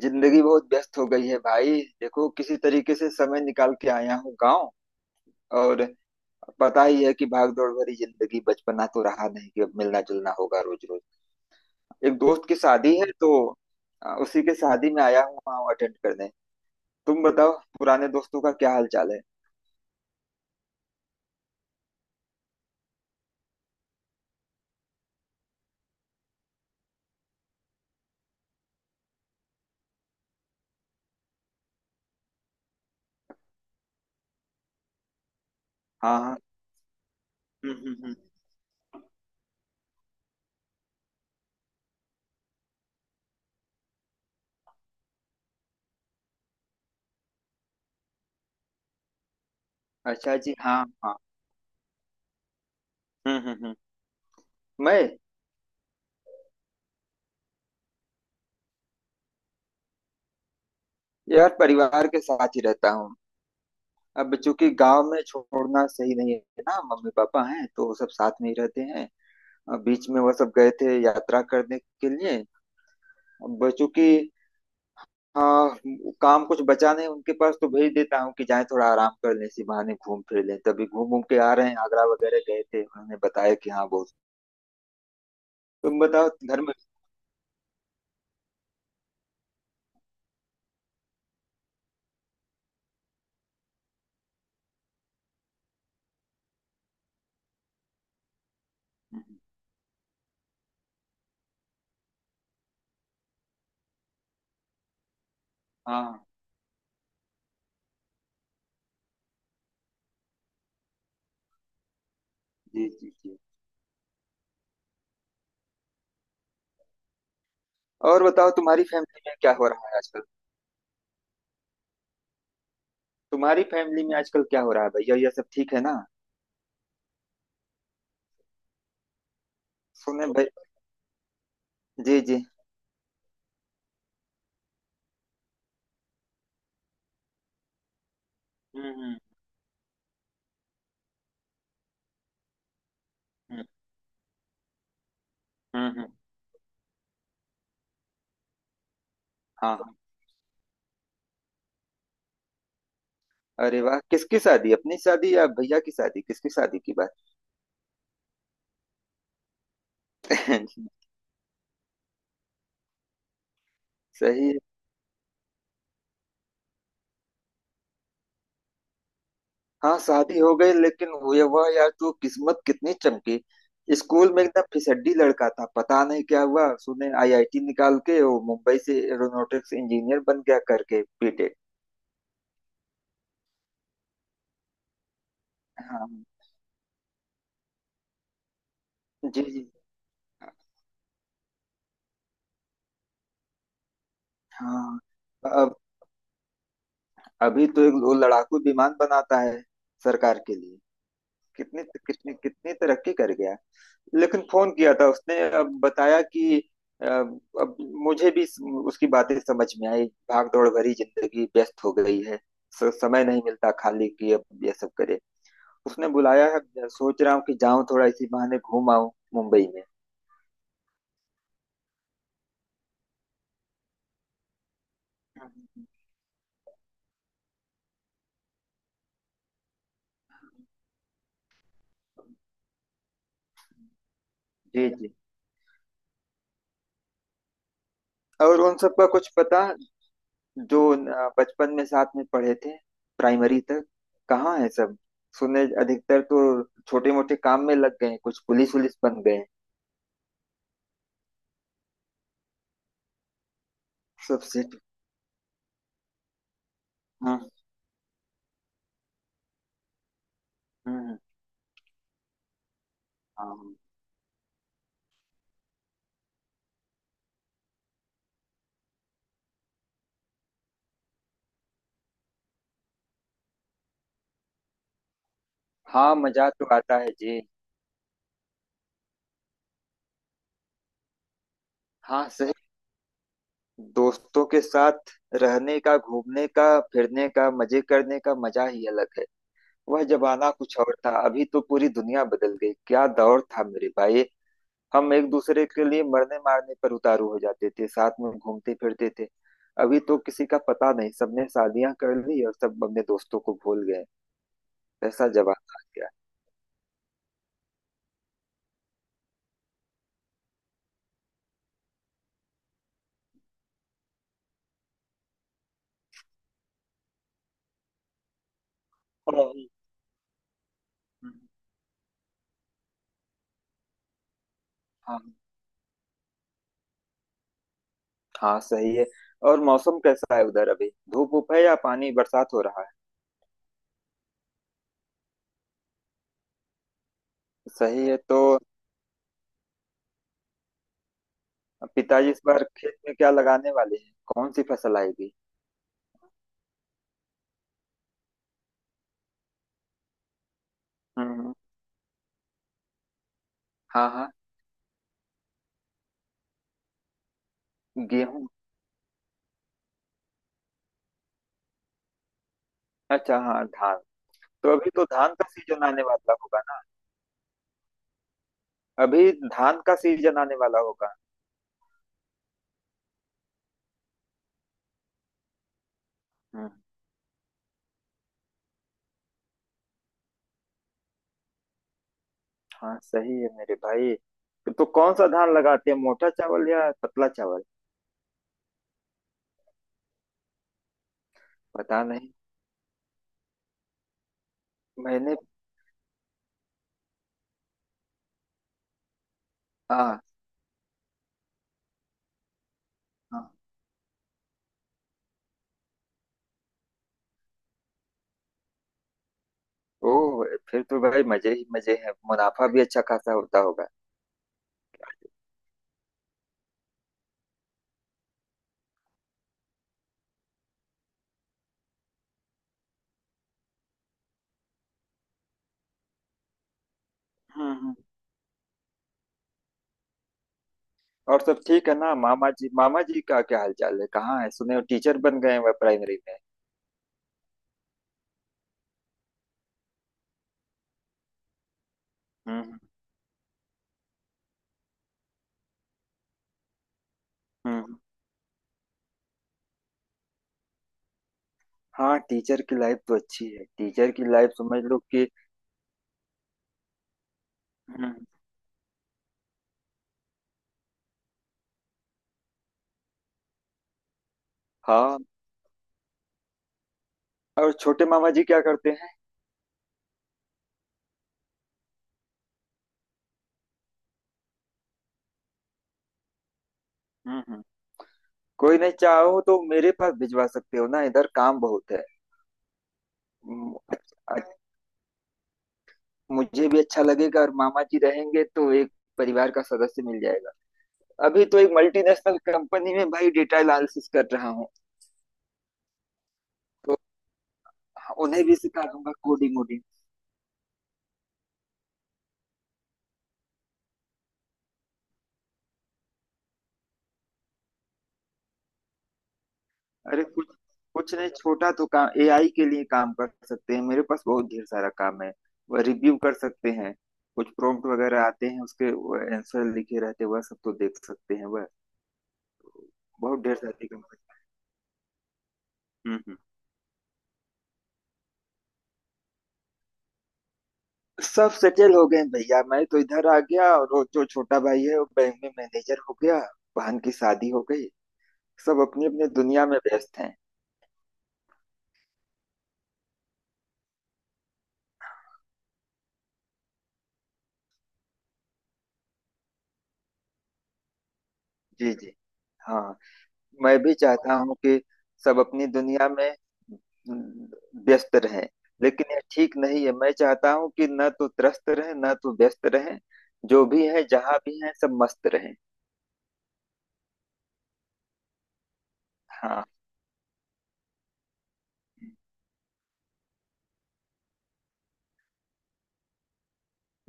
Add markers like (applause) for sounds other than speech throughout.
जिंदगी बहुत व्यस्त हो गई है भाई। देखो, किसी तरीके से समय निकाल के आया हूँ गांव। और पता ही है कि भाग दौड़ भरी जिंदगी, बचपना तो रहा नहीं कि अब मिलना जुलना होगा रोज रोज। एक दोस्त की शादी है तो उसी के शादी में आया हूँ, वहाँ अटेंड करने। तुम बताओ, पुराने दोस्तों का क्या हाल चाल है? हाँ हाँ। हम्म हम्म हम्म। अच्छा जी, हाँ। हाँ। हम्म। मैं, यार, परिवार के साथ ही रहता हूँ। अब चूंकि गांव में छोड़ना सही नहीं है ना, मम्मी पापा हैं तो सब साथ में ही रहते हैं। बीच में वो सब गए थे यात्रा करने के लिए। अब चूंकि, हाँ, काम कुछ बचा नहीं उनके पास तो भेज देता हूँ कि जाएं, थोड़ा आराम कर लें, इसी बहाने घूम फिर लें। तभी घूम घूम के आ रहे हैं, आगरा वगैरह गए थे, उन्होंने बताया कि हाँ बहुत। तुम बताओ, घर में। हाँ। जी जी जी। और बताओ, तुम्हारी फैमिली में क्या हो रहा है आजकल? तुम्हारी फैमिली में आजकल क्या हो रहा है भैया, यह सब ठीक है ना? सुने भाई। जी जी। हम्म हम्म हम्म। हम्म हम्म, हाँ हाँ। अरे वाह, किसकी शादी? अपनी शादी या भैया की शादी? किसकी शादी की बात? (laughs) सही है। हाँ, शादी हो गई, लेकिन हुए वह यार, तू किस्मत कितनी चमकी। स्कूल में एकदम फिसड्डी लड़का था, पता नहीं क्या हुआ, सुने आईआईटी निकाल के वो मुंबई से एरोनॉटिक्स इंजीनियर बन गया करके बीटेक। हाँ। जी जी। हाँ। अब, अभी तो एक वो लड़ाकू विमान बनाता है सरकार के लिए। कितनी कितनी कितनी तरक्की कर गया। लेकिन फोन किया था उसने, अब बताया कि अ, अब मुझे भी उसकी बातें समझ में आई। भाग दौड़ भरी जिंदगी व्यस्त हो गई है। समय नहीं मिलता खाली कि अब ये सब करे। उसने बुलाया है, सोच रहा हूँ कि जाऊं, थोड़ा इसी बहाने घूम आऊं मुंबई में। जी जी। और उन सबका कुछ पता? जो बचपन में साथ में पढ़े थे प्राइमरी तक, कहाँ है सब? सुने अधिकतर तो छोटे मोटे काम में लग गए हैं, कुछ पुलिस वुलिस बन गए हैं। सब सेट। हम्म हम्म। हाँ हाँ, मजा तो आता है जी। हाँ सही। दोस्तों के साथ रहने का, घूमने का, फिरने का, मजे करने का मजा ही अलग है। वह जमाना कुछ और था, अभी तो पूरी दुनिया बदल गई। क्या दौर था मेरे भाई। हम एक दूसरे के लिए मरने मारने पर उतारू हो जाते थे, साथ में घूमते फिरते थे। अभी तो किसी का पता नहीं, सबने शादियां कर ली और सब अपने दोस्तों को भूल गए। ऐसा जमाना आ गया। हाँ। हाँ सही है। और मौसम कैसा है उधर? अभी धूप उप है या पानी बरसात हो रहा है? सही है तो। पिताजी इस बार खेत में क्या लगाने वाले हैं? कौन सी फसल आएगी? हम्म। हाँ हाँ। गेहूं। अच्छा, हाँ, धान। तो अभी तो धान का सीजन आने वाला होगा ना? अभी धान का सीजन आने वाला होगा। हम्म। हाँ सही है मेरे भाई। तो कौन सा धान लगाते हैं, मोटा चावल या पतला चावल? पता नहीं। मैंने, हाँ हाँ। ओह। फिर तो भाई मजे ही मजे हैं, मुनाफा भी अच्छा खासा होता होगा। हम्म हम्म। और सब ठीक है ना? मामा जी, मामा जी का क्या हाल चाल है? कहाँ है? सुने हो टीचर बन गए हैं, वह प्राइमरी में। हम्म हम्म हम्म। हाँ, टीचर की लाइफ तो अच्छी है, टीचर की लाइफ समझ लो कि, हम्म। हाँ। और छोटे मामा जी क्या करते हैं? हम्म हम्म। कोई नहीं, चाहो तो मेरे पास भिजवा सकते हो ना, इधर काम बहुत है। अच्छा, अच्छा, मुझे भी अच्छा लगेगा, और मामा जी रहेंगे तो एक परिवार का सदस्य मिल जाएगा। अभी तो एक मल्टीनेशनल कंपनी में भाई डेटा एनालिसिस कर रहा हूँ, तो उन्हें भी सिखा दूंगा कोडिंग वोडिंग। अरे कुछ, कुछ नहीं, छोटा तो काम, एआई के लिए काम कर सकते हैं, मेरे पास बहुत ढेर सारा काम है। वह रिव्यू कर सकते हैं। कुछ प्रॉम्प्ट वगैरह आते हैं उसके, आंसर लिखे रहते हैं, वह सब तो देख सकते हैं वह। बहुत ढेर सारी कंपनी। हम्म हम्म। सब सेटल हो गए हैं भैया। मैं तो इधर आ गया, और वो जो छोटा भाई है वो बैंक में मैनेजर हो गया, बहन की शादी हो गई। सब अपनी अपनी दुनिया में व्यस्त हैं। जी जी। हाँ। मैं भी चाहता हूँ कि सब अपनी दुनिया में व्यस्त रहें, लेकिन ये ठीक नहीं है। मैं चाहता हूँ कि न तो त्रस्त रहें, न तो व्यस्त रहें, जो भी है जहाँ भी है, सब मस्त रहें। हाँ।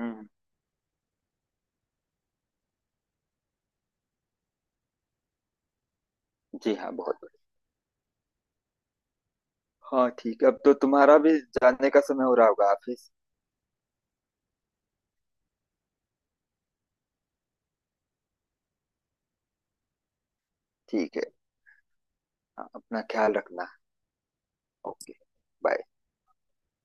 हम्म। जी हाँ, बहुत बढ़िया। हाँ ठीक है, अब तो तुम्हारा भी जाने का समय हो रहा होगा ऑफिस। ठीक है। हाँ, अपना ख्याल रखना। ओके। बाय।